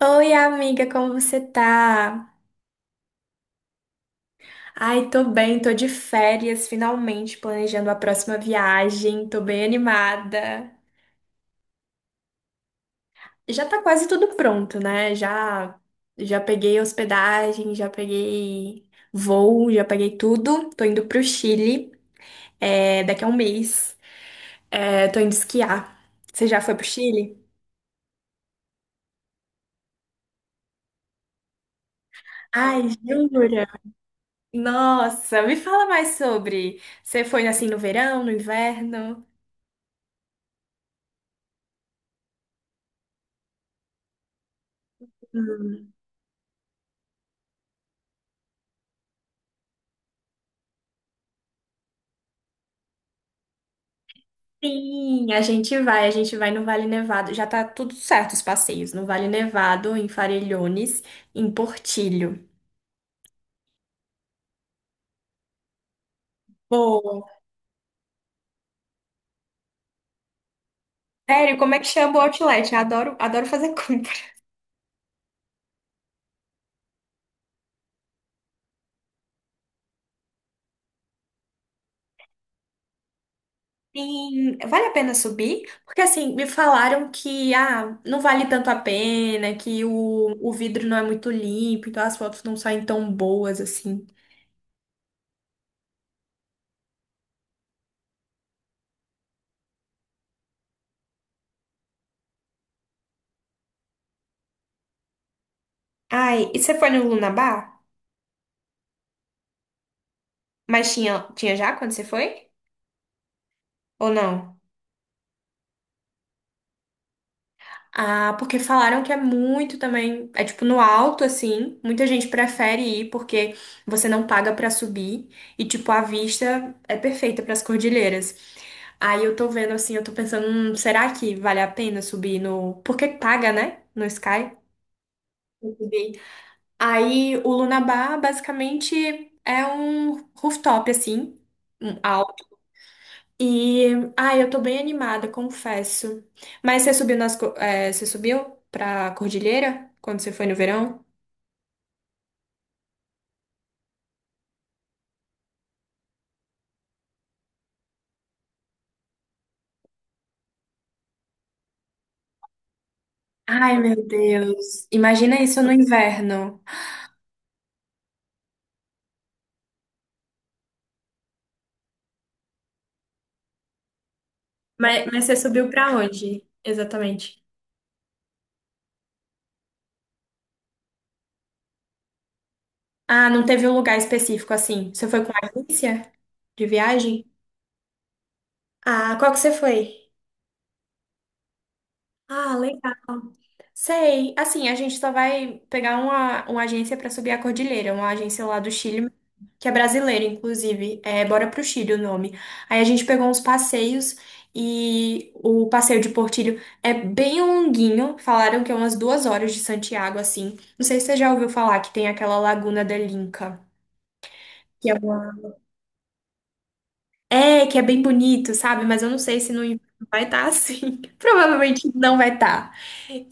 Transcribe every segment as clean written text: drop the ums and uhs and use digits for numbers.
Oi, amiga, como você tá? Ai, tô bem, tô de férias, finalmente planejando a próxima viagem, tô bem animada. Já tá quase tudo pronto, né? Já peguei hospedagem, já peguei voo, já peguei tudo. Tô indo pro Chile, é, daqui a um mês. É, tô indo esquiar. Você já foi pro Chile? Ai, jura? Nossa, me fala mais sobre. Você foi assim no verão, no inverno? Sim, a gente vai no Vale Nevado. Já tá tudo certo os passeios, no Vale Nevado, em Farellones, em Portillo. Boa. Sério, como é que chama o outlet? Eu adoro, adoro fazer compra. Sim, vale a pena subir? Porque assim, me falaram que ah, não vale tanto a pena, que o vidro não é muito limpo, então as fotos não saem tão boas assim. Ai, e você foi no Lunabar? Mas tinha já quando você foi? Ou não? Ah, porque falaram que é muito também, é tipo no alto assim, muita gente prefere ir porque você não paga pra subir e tipo a vista é perfeita pras cordilheiras. Aí eu tô vendo assim, eu tô pensando, será que vale a pena subir no, porque paga, né? No Sky, pra subir. Aí o Lunabar basicamente é um rooftop assim, um alto. E, ai, eu tô bem animada, confesso. Mas você subiu você subiu pra cordilheira quando você foi no verão? Ai, meu Deus. Imagina isso no inverno. Mas você subiu pra onde, exatamente? Ah, não teve um lugar específico assim. Você foi com a agência de viagem? Ah, qual que você foi? Ah, legal. Sei. Assim, a gente só vai pegar uma agência para subir a cordilheira, uma agência lá do Chile, que é brasileira, inclusive. É Bora pro Chile o nome. Aí a gente pegou uns passeios e o passeio de Portillo é bem longuinho. Falaram que é umas 2 horas de Santiago, assim. Não sei se você já ouviu falar que tem aquela Laguna da Linca. É, que é bem bonito, sabe? Mas eu não sei se no inverno vai estar assim. Provavelmente não vai estar.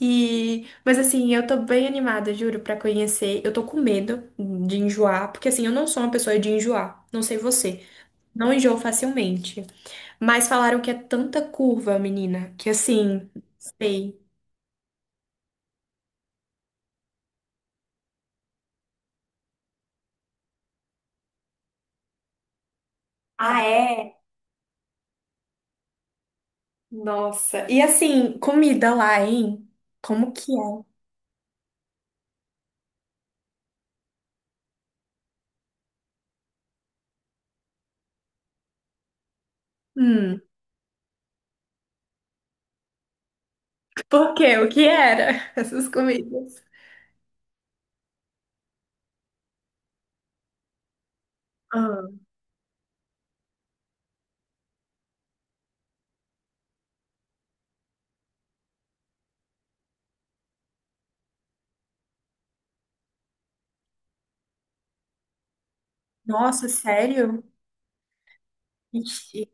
E, mas assim, eu tô bem animada, juro, pra conhecer. Eu tô com medo de enjoar, porque assim, eu não sou uma pessoa de enjoar. Não sei você. Não enjoo facilmente. Mas falaram que é tanta curva, menina, que assim, sei. Ah, é? Nossa. E assim, comida lá, hein? Como que é? Hum, por quê? O que era? Essas comidas. Ah. Nossa, sério? Ixi.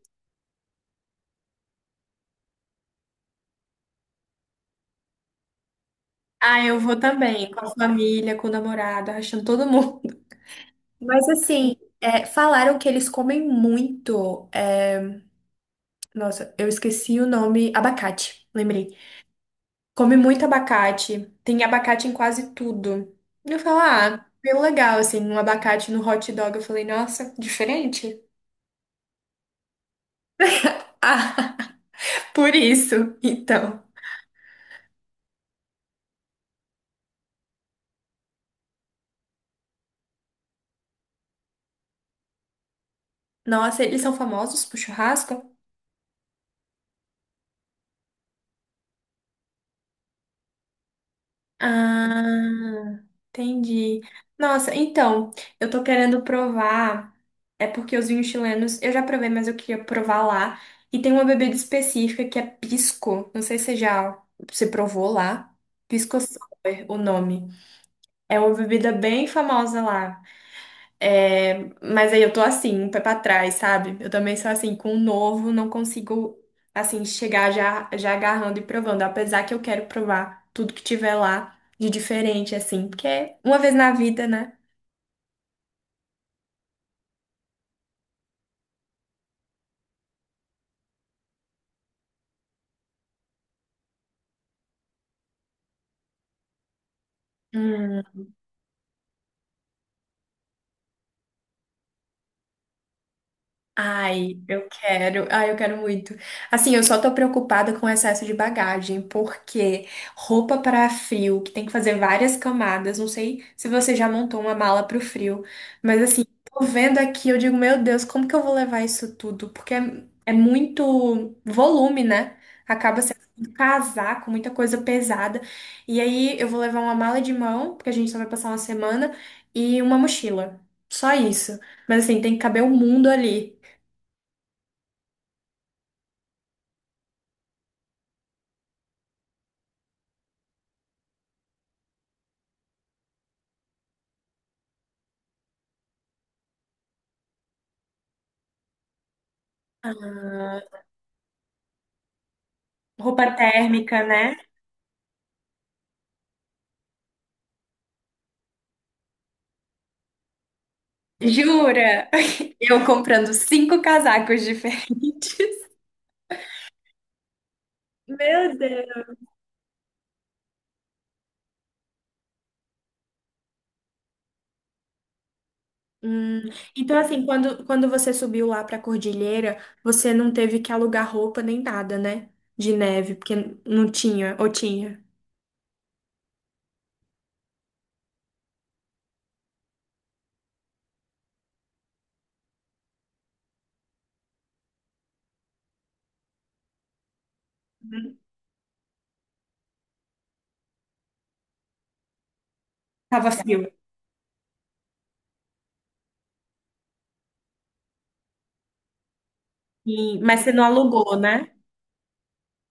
Ah, eu vou também, com a família, com o namorado, achando todo mundo. Mas assim, é, falaram que eles comem muito. É, nossa, eu esqueci o nome. Abacate, lembrei. Come muito abacate. Tem abacate em quase tudo. Eu falo, ah, bem legal, assim, um abacate no hot dog. Eu falei, nossa, diferente. Ah, por isso, então. Nossa, eles são famosos pro churrasco? Ah, entendi. Nossa, então, eu tô querendo provar. É porque os vinhos chilenos eu já provei, mas eu queria provar lá. E tem uma bebida específica que é pisco. Não sei se você já se provou lá. Pisco Sour, o nome. É uma bebida bem famosa lá. É, mas aí eu tô assim, um pé pra trás, sabe? Eu também sou assim, com o novo, não consigo, assim, chegar já, já agarrando e provando. Apesar que eu quero provar tudo que tiver lá de diferente, assim, porque é uma vez na vida, né? Ai, eu quero muito. Assim, eu só tô preocupada com o excesso de bagagem, porque roupa para frio, que tem que fazer várias camadas, não sei se você já montou uma mala pro frio, mas assim, tô vendo aqui, eu digo, meu Deus, como que eu vou levar isso tudo? Porque é, é muito volume, né? Acaba sendo um casaco, muita coisa pesada. E aí eu vou levar uma mala de mão, porque a gente só vai passar uma semana, e uma mochila. Só isso. Mas assim, tem que caber o mundo ali. Ah, roupa térmica, né? Jura? Eu comprando cinco casacos diferentes. Meu Deus. Hum, então, assim, quando você subiu lá pra Cordilheira, você não teve que alugar roupa nem nada, né? De neve, porque não tinha, ou tinha. Uhum. Tava frio. E- mas você não alugou, né?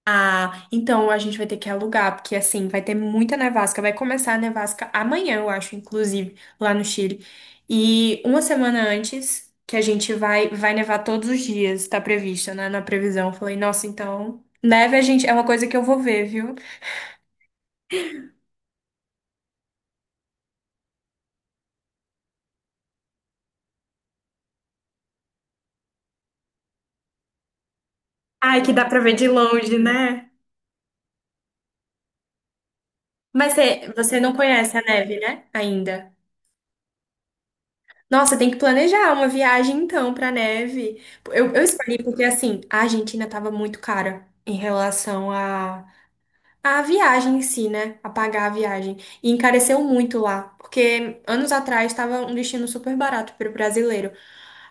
Ah, então a gente vai ter que alugar, porque assim, vai ter muita nevasca. Vai começar a nevasca amanhã, eu acho, inclusive, lá no Chile. E uma semana antes, que a gente vai nevar todos os dias, tá previsto, né, na previsão. Eu Falei, nossa, então, neve a gente é uma coisa que eu vou ver, viu? Ai, que dá pra ver de longe, né? Mas você não conhece a neve, né? Ainda. Nossa, tem que planejar uma viagem então pra neve. Eu escolhi porque assim, a Argentina tava muito cara em relação a A viagem em si, né? Apagar a viagem. E encareceu muito lá, porque anos atrás estava um destino super barato para o brasileiro.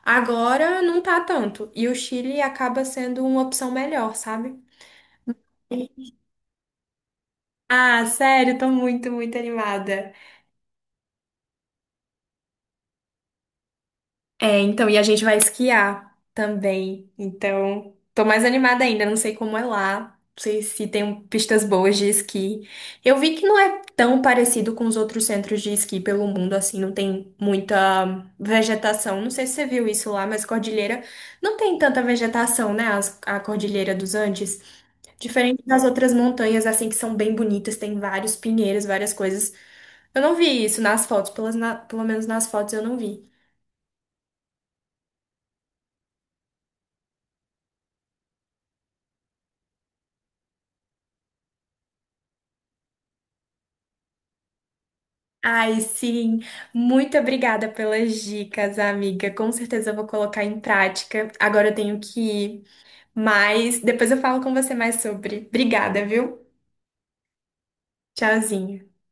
Agora não tá tanto. E o Chile acaba sendo uma opção melhor, sabe? Ah, sério, tô muito, muito animada. É, então, e a gente vai esquiar também. Então, tô mais animada ainda, não sei como é lá, não sei se tem pistas boas de esqui. Eu vi que não é tão parecido com os outros centros de esqui pelo mundo, assim, não tem muita vegetação. Não sei se você viu isso lá, mas cordilheira não tem tanta vegetação, né? As- a cordilheira dos Andes, diferente das outras montanhas, assim, que são bem bonitas, tem vários pinheiros, várias coisas. Eu não vi isso nas fotos, pelo menos nas fotos eu não vi. Ai, sim. Muito obrigada pelas dicas, amiga. Com certeza eu vou colocar em prática. Agora eu tenho que ir, mas depois eu falo com você mais sobre. Obrigada, viu? Tchauzinho.